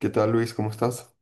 ¿Qué tal, Luis? ¿Cómo estás?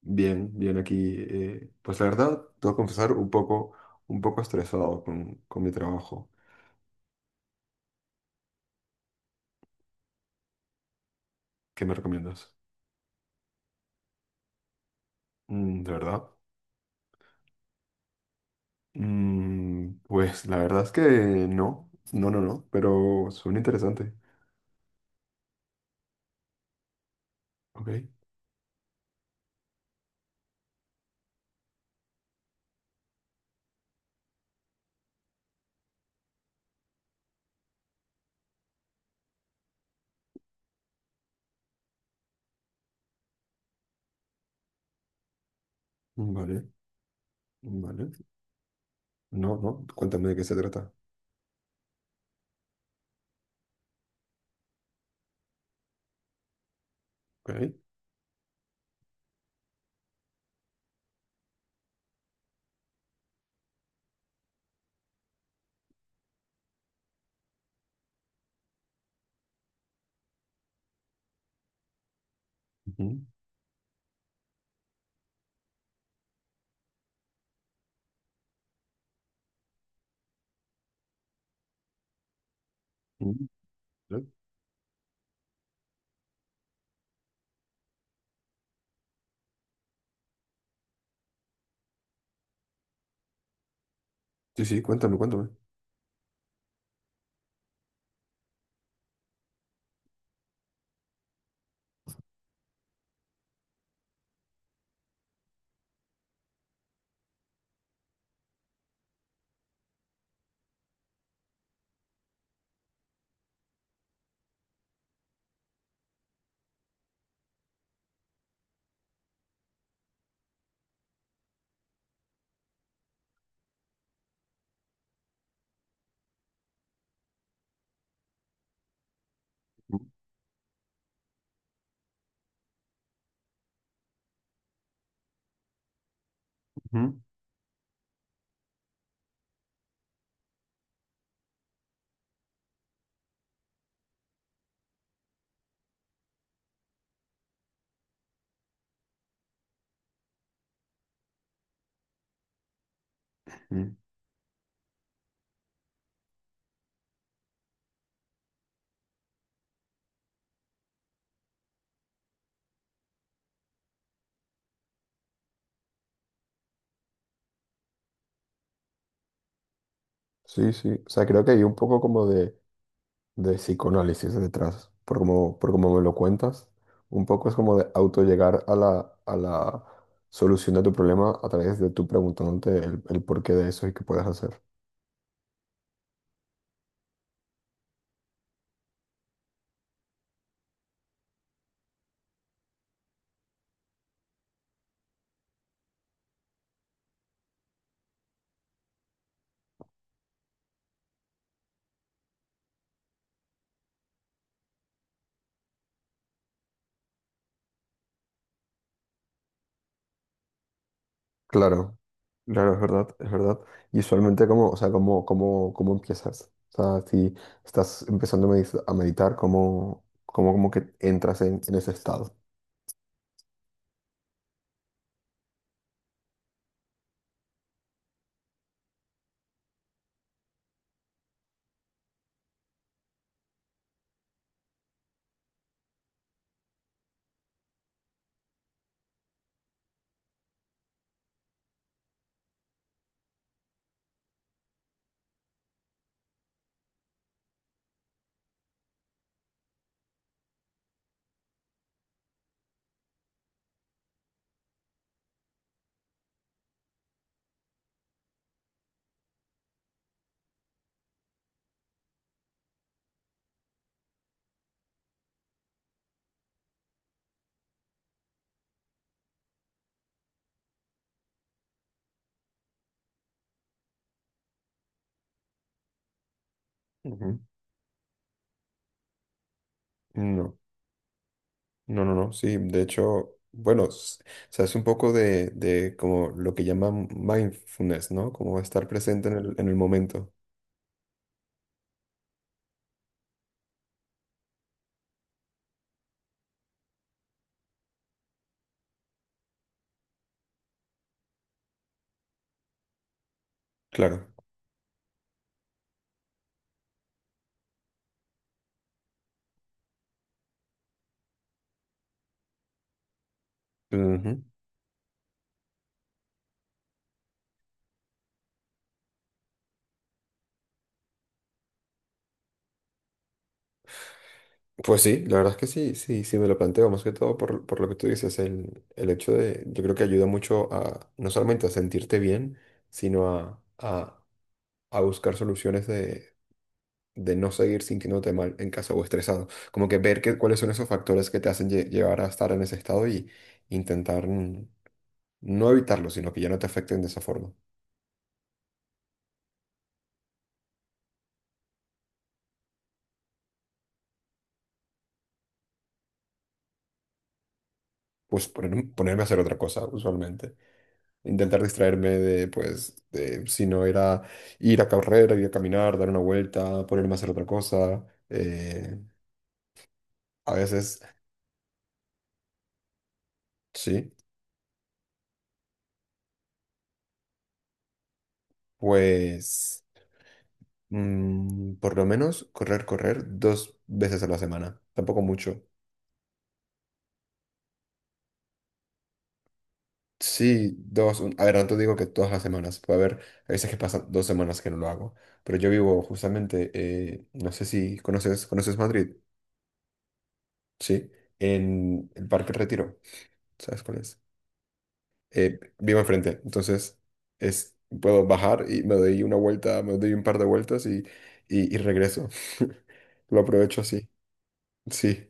Bien, bien aquí. Pues la verdad, te voy a confesar un poco estresado con mi trabajo. ¿Qué me recomiendas? Mm, ¿de verdad? Mm, pues la verdad es que no, no, no, no, pero suena interesante. Ok, vale, vale. No, no, cuéntame de qué se trata. Ok. Ujú, ujú, ¿vale? Sí, sí, cuéntame, cuéntame. Ujú, ujú. Sí, sí. O sea, creo que hay un poco como de psicoanálisis detrás, por como me lo cuentas, un poco es como de auto llegar a la solución de tu problema a través de tú preguntándote el porqué de eso y qué puedes hacer. Claro, claro, es verdad, es verdad. Y usualmente, ¿cómo empiezas? O sea, si estás empezando a meditar, ¿cómo que entras en ese estado? Ujú. No. No, no, no, sí, de hecho, bueno, o sea, es un poco de como lo que llaman mindfulness, ¿no? Como estar presente en el momento, claro. Ujú. Pues sí, la verdad es que sí, sí, sí me lo planteo, más que todo por lo que tú dices, el hecho de, yo creo que ayuda mucho a, no solamente a sentirte bien, sino a buscar soluciones de no seguir sintiéndote mal en casa o estresado, como que ver que, cuáles son esos factores que te hacen llevar a estar en ese estado y intentar... no evitarlo, sino que ya no te afecten de esa forma. Pues ponerme a hacer otra cosa, usualmente. Intentar distraerme de, pues, de, si no era ir a correr, ir a caminar, dar una vuelta, ponerme a hacer otra cosa. A veces, sí, pues, mm, por lo menos correr, correr dos veces a la semana. Tampoco mucho. Sí, dos. A ver, no te digo que todas las semanas. Puede haber, a veces que pasan dos semanas que no lo hago. Pero yo vivo justamente, no sé si conoces, ¿conoces Madrid? Sí, en el Parque El Retiro, ¿sabes cuál es? Vivo enfrente, entonces es, puedo bajar y me doy una vuelta, me doy un par de vueltas y, y regreso. Lo aprovecho así, sí.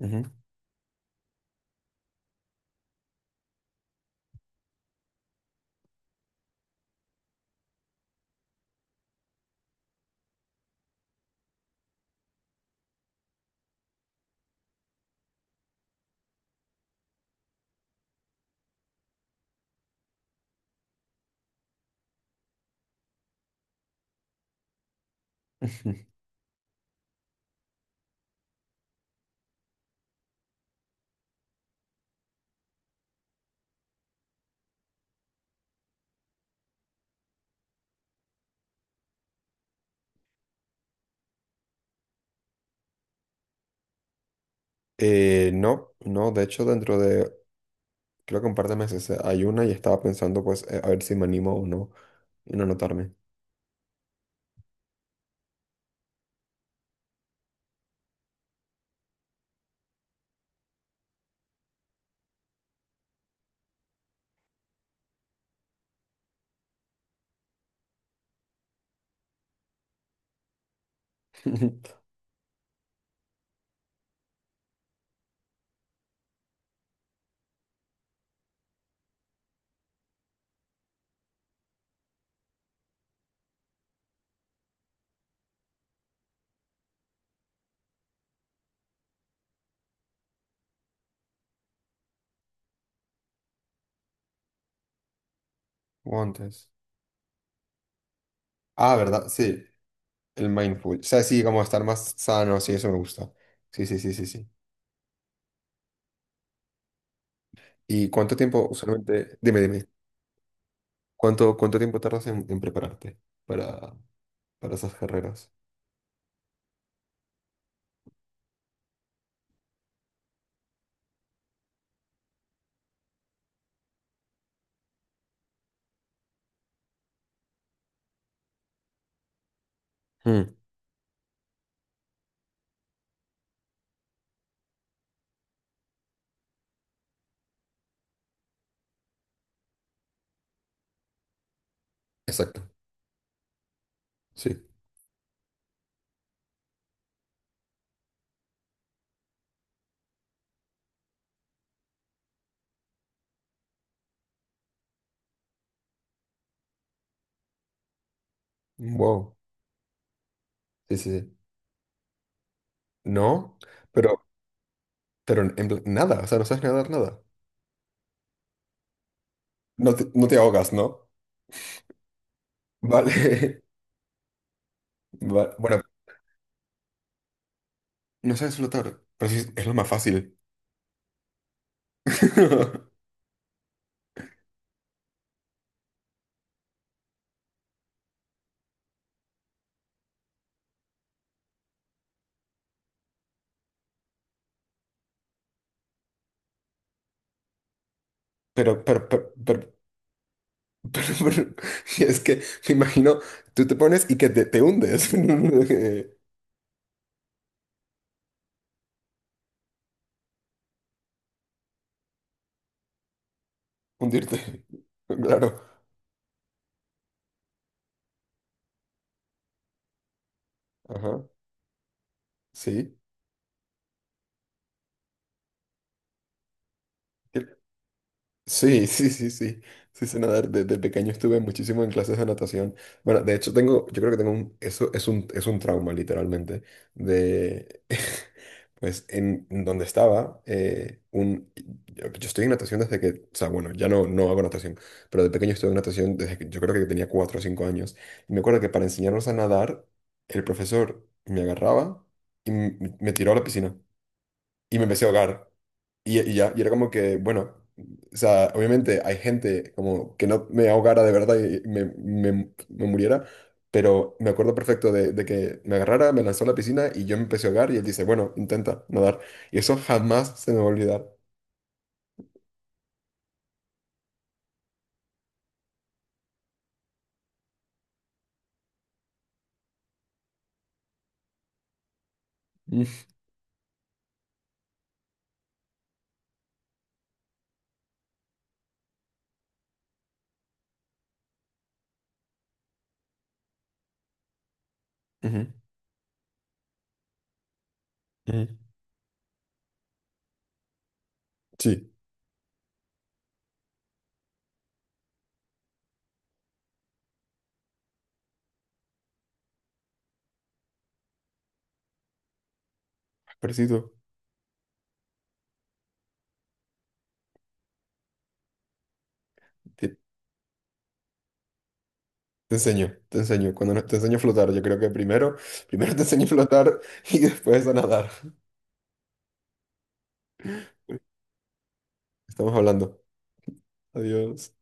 Ujú. Ujú. No, no, de hecho dentro de, creo que un par de meses hay una y estaba pensando pues a ver si me animo o no y no anotarme. Guantes. Ah, ¿verdad? Sí, el mindful. O sea, sí, como estar más sano, sí, eso me gusta. Sí, sí, sí, sí, sí. ¿Y cuánto tiempo usualmente, dime, dime, cuánto, cuánto tiempo tardas en prepararte para, para esas carreras? Mm, exacto, sí. Wow, sí, sí, sí. No, pero, pero en nada, o sea, no sabes nadar nada. No te, no te ahogas, ¿no? Vale, bueno, no sabes flotar, pero sí, es lo más fácil. Pero, pero, pero, pero, pero, pero- es que me imagino, tú te pones y que te hundes. Hundirte, claro. Ajá. Sí, cre- sí, sí, sí, sí. Sí, sé nadar. Desde pequeño estuve muchísimo en clases de natación. Bueno, de hecho tengo, yo creo que tengo un, eso es un trauma literalmente. De, pues en donde estaba, un, yo estoy en natación desde que, o sea, bueno, ya no, no hago natación, pero de pequeño estuve en natación desde que yo creo que tenía cuatro o cinco años. Y me acuerdo que para enseñarnos a nadar, el profesor me agarraba y me tiró a la piscina y me empecé a ahogar. Y ya, y era como que, bueno, o sea, obviamente hay gente como que no me ahogara de verdad y me, me muriera, pero me acuerdo perfecto de que me agarrara, me lanzó a la piscina y yo me empecé a ahogar y él dice, bueno, intenta nadar. Y eso jamás se me va a olvidar. Mm, ujú, ujú. Sí, parecido. Te, te enseño, te enseño. Cuando te enseño a flotar, yo creo que primero, primero te enseño a flotar y después a nadar. Estamos hablando. Adiós.